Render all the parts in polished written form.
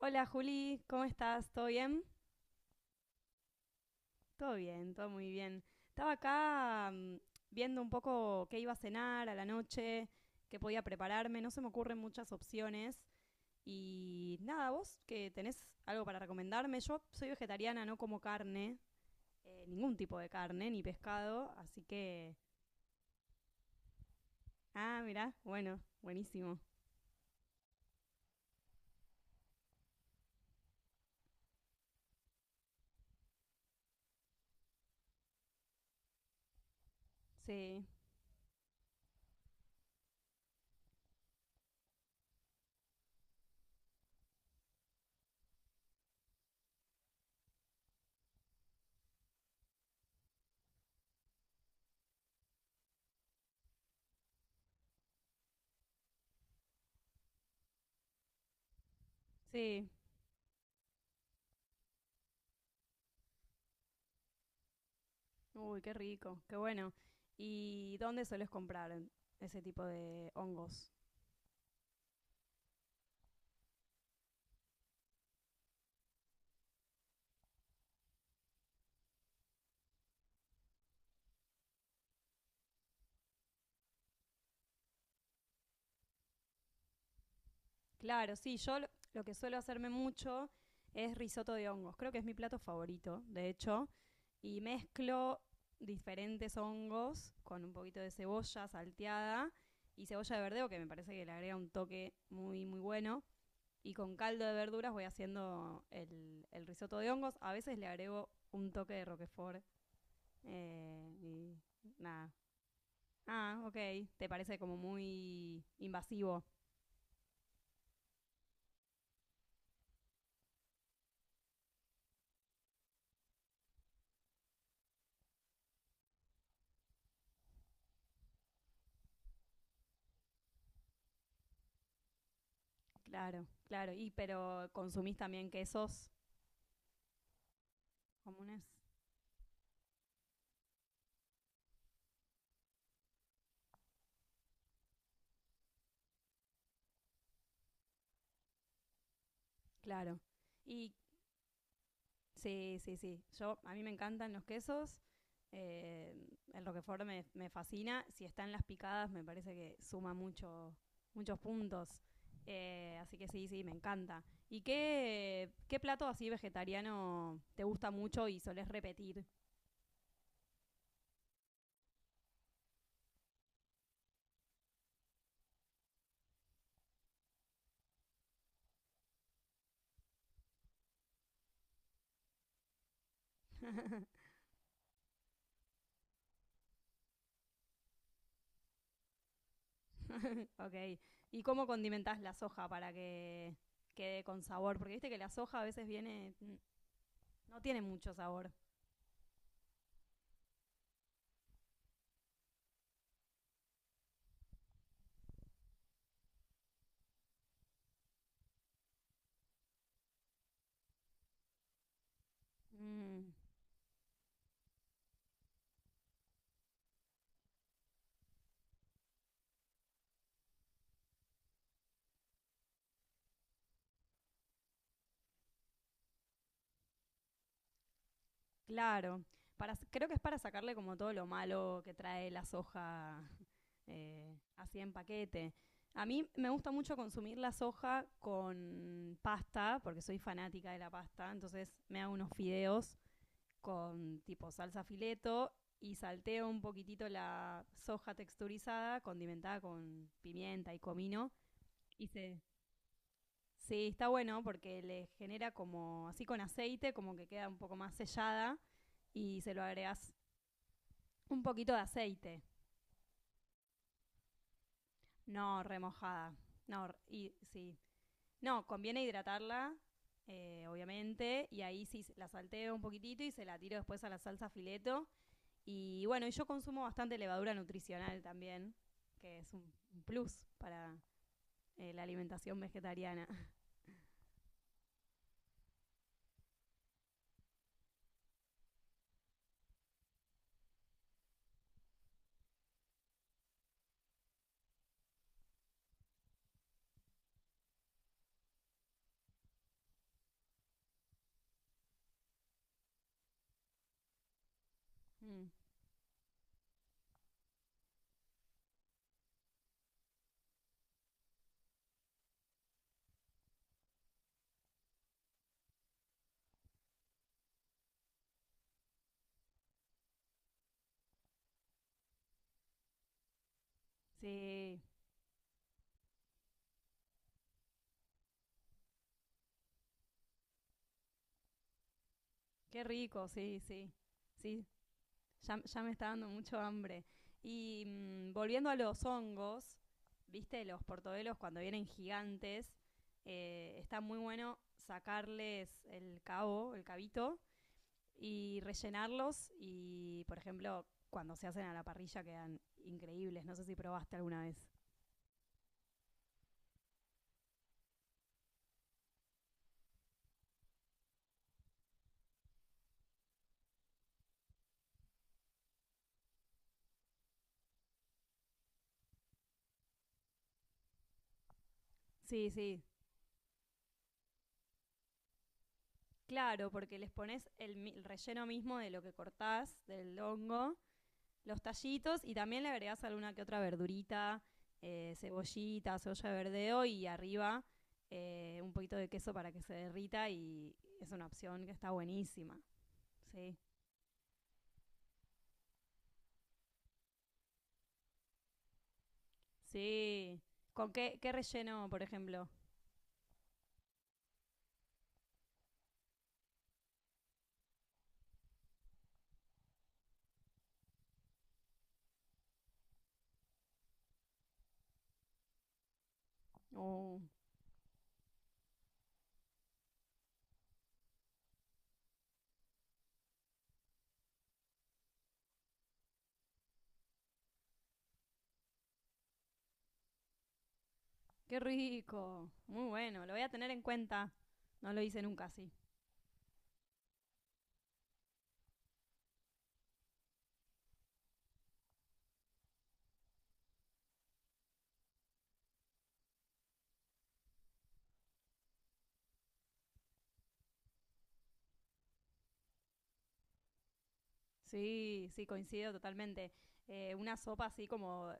Hola, Juli, ¿cómo estás? ¿Todo bien? Todo bien, todo muy bien. Estaba acá viendo un poco qué iba a cenar a la noche, qué podía prepararme, no se me ocurren muchas opciones. Y nada, vos que tenés algo para recomendarme, yo soy vegetariana, no como carne, ningún tipo de carne, ni pescado, así que... Ah, mirá, bueno, buenísimo. Sí, sí, uy, qué rico, qué bueno. ¿Y dónde sueles comprar ese tipo de hongos? Claro, sí, yo lo que suelo hacerme mucho es risotto de hongos. Creo que es mi plato favorito, de hecho. Y mezclo diferentes hongos con un poquito de cebolla salteada y cebolla de verdeo, que me parece que le agrega un toque muy, muy bueno. Y con caldo de verduras voy haciendo el risotto de hongos. A veces le agrego un toque de roquefort y nada. Ah, ok. Te parece como muy invasivo. Claro, claro. ¿Y pero consumís también quesos comunes? Claro. Y sí, sí, sí. Yo a mí me encantan los quesos. Eh, el Roquefort me fascina. Si están las picadas, me parece que suma mucho, muchos puntos. Así que sí, sí, me encanta. ¿Y qué, qué plato así vegetariano te gusta mucho y solés repetir? Ok. ¿Y cómo condimentás la soja para que quede con sabor? Porque viste que la soja a veces viene mm, no tiene mucho sabor. Mm, claro. Para, creo que es para sacarle como todo lo malo que trae la soja, así en paquete. A mí me gusta mucho consumir la soja con pasta, porque soy fanática de la pasta, entonces me hago unos fideos con tipo salsa fileto y salteo un poquitito la soja texturizada, condimentada con pimienta y comino, y se... Sí, está bueno porque le genera como así con aceite, como que queda un poco más sellada y se lo agregas un poquito de aceite. No, remojada. No, y sí. No, conviene hidratarla, obviamente, y ahí sí la salteo un poquitito y se la tiro después a la salsa fileto. Y bueno, y yo consumo bastante levadura nutricional también, que es un plus para la alimentación vegetariana. Mm. Sí, qué rico, sí, sí. Sí, ya, ya me está dando mucho hambre. Y volviendo a los hongos, viste, los portobelos cuando vienen gigantes, está muy bueno sacarles el cabo, el cabito, y rellenarlos. Y, por ejemplo, cuando se hacen a la parrilla quedan increíbles. No sé si probaste alguna vez. Sí, sí. Claro, porque les pones el relleno mismo de lo que cortás, del hongo, los tallitos y también le agregás alguna que otra verdurita, cebollita, cebolla de verdeo y arriba un poquito de queso para que se derrita y es una opción que está buenísima. Sí, sí. ¿Con qué, qué relleno, por ejemplo? Oh, qué rico. Muy bueno, lo voy a tener en cuenta. No lo hice nunca así. Sí, sí, coincido totalmente. Una sopa así como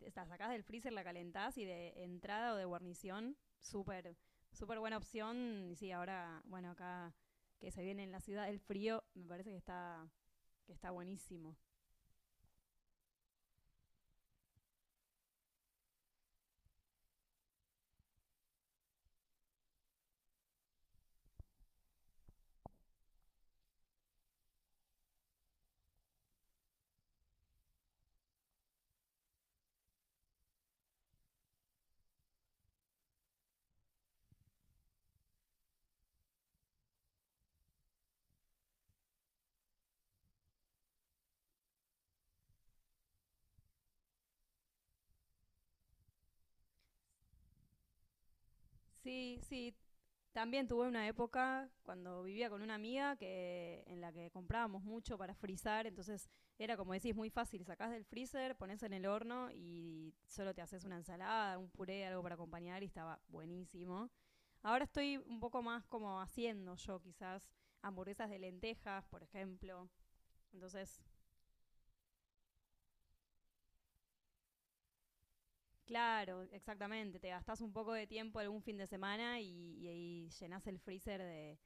la sacás del freezer, la calentás y de entrada o de guarnición, súper, súper buena opción. Y sí, ahora, bueno, acá que se viene en la ciudad el frío, me parece que está buenísimo. Sí, sí. También tuve una época cuando vivía con una amiga que en la que comprábamos mucho para frizar, entonces era como decís, muy fácil, sacás del freezer, pones en el horno y solo te haces una ensalada, un puré, algo para acompañar y estaba buenísimo. Ahora estoy un poco más como haciendo yo quizás hamburguesas de lentejas, por ejemplo. Entonces, claro, exactamente, te gastás un poco de tiempo algún fin de semana y llenás el freezer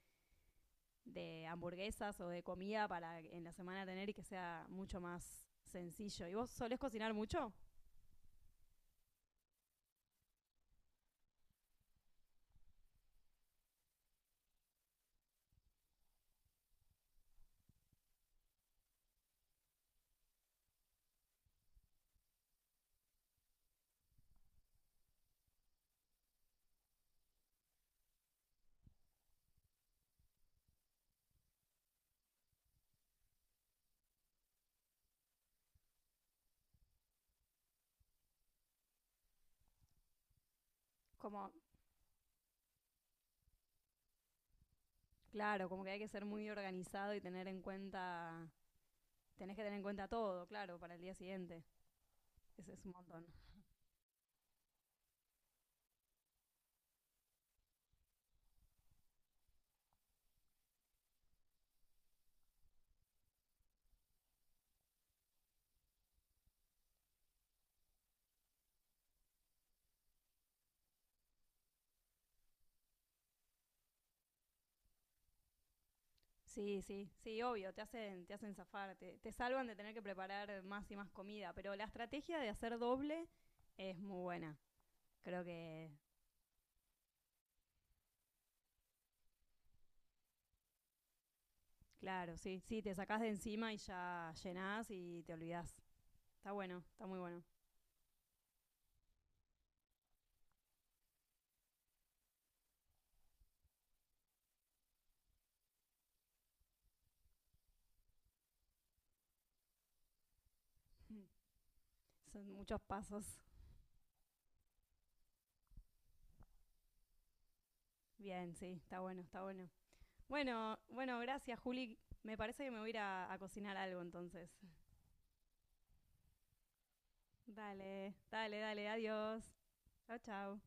de hamburguesas o de comida para en la semana tener y que sea mucho más sencillo. ¿Y vos solés cocinar mucho? Como... Claro, como que hay que ser muy organizado y tener en cuenta, tenés que tener en cuenta todo, claro, para el día siguiente. Ese es un montón. Sí, sí, sí, obvio, te hacen zafar, te salvan de tener que preparar más y más comida, pero la estrategia de hacer doble es muy buena. Creo que, claro, sí, sí, te sacás de encima y ya llenás y te olvidás. Está bueno, está muy bueno. Son muchos pasos. Bien, sí, está bueno, está bueno. Bueno, bueno, gracias, Juli. Me parece que me voy a ir a cocinar algo entonces. Dale, dale, dale, adiós. Chao, chao.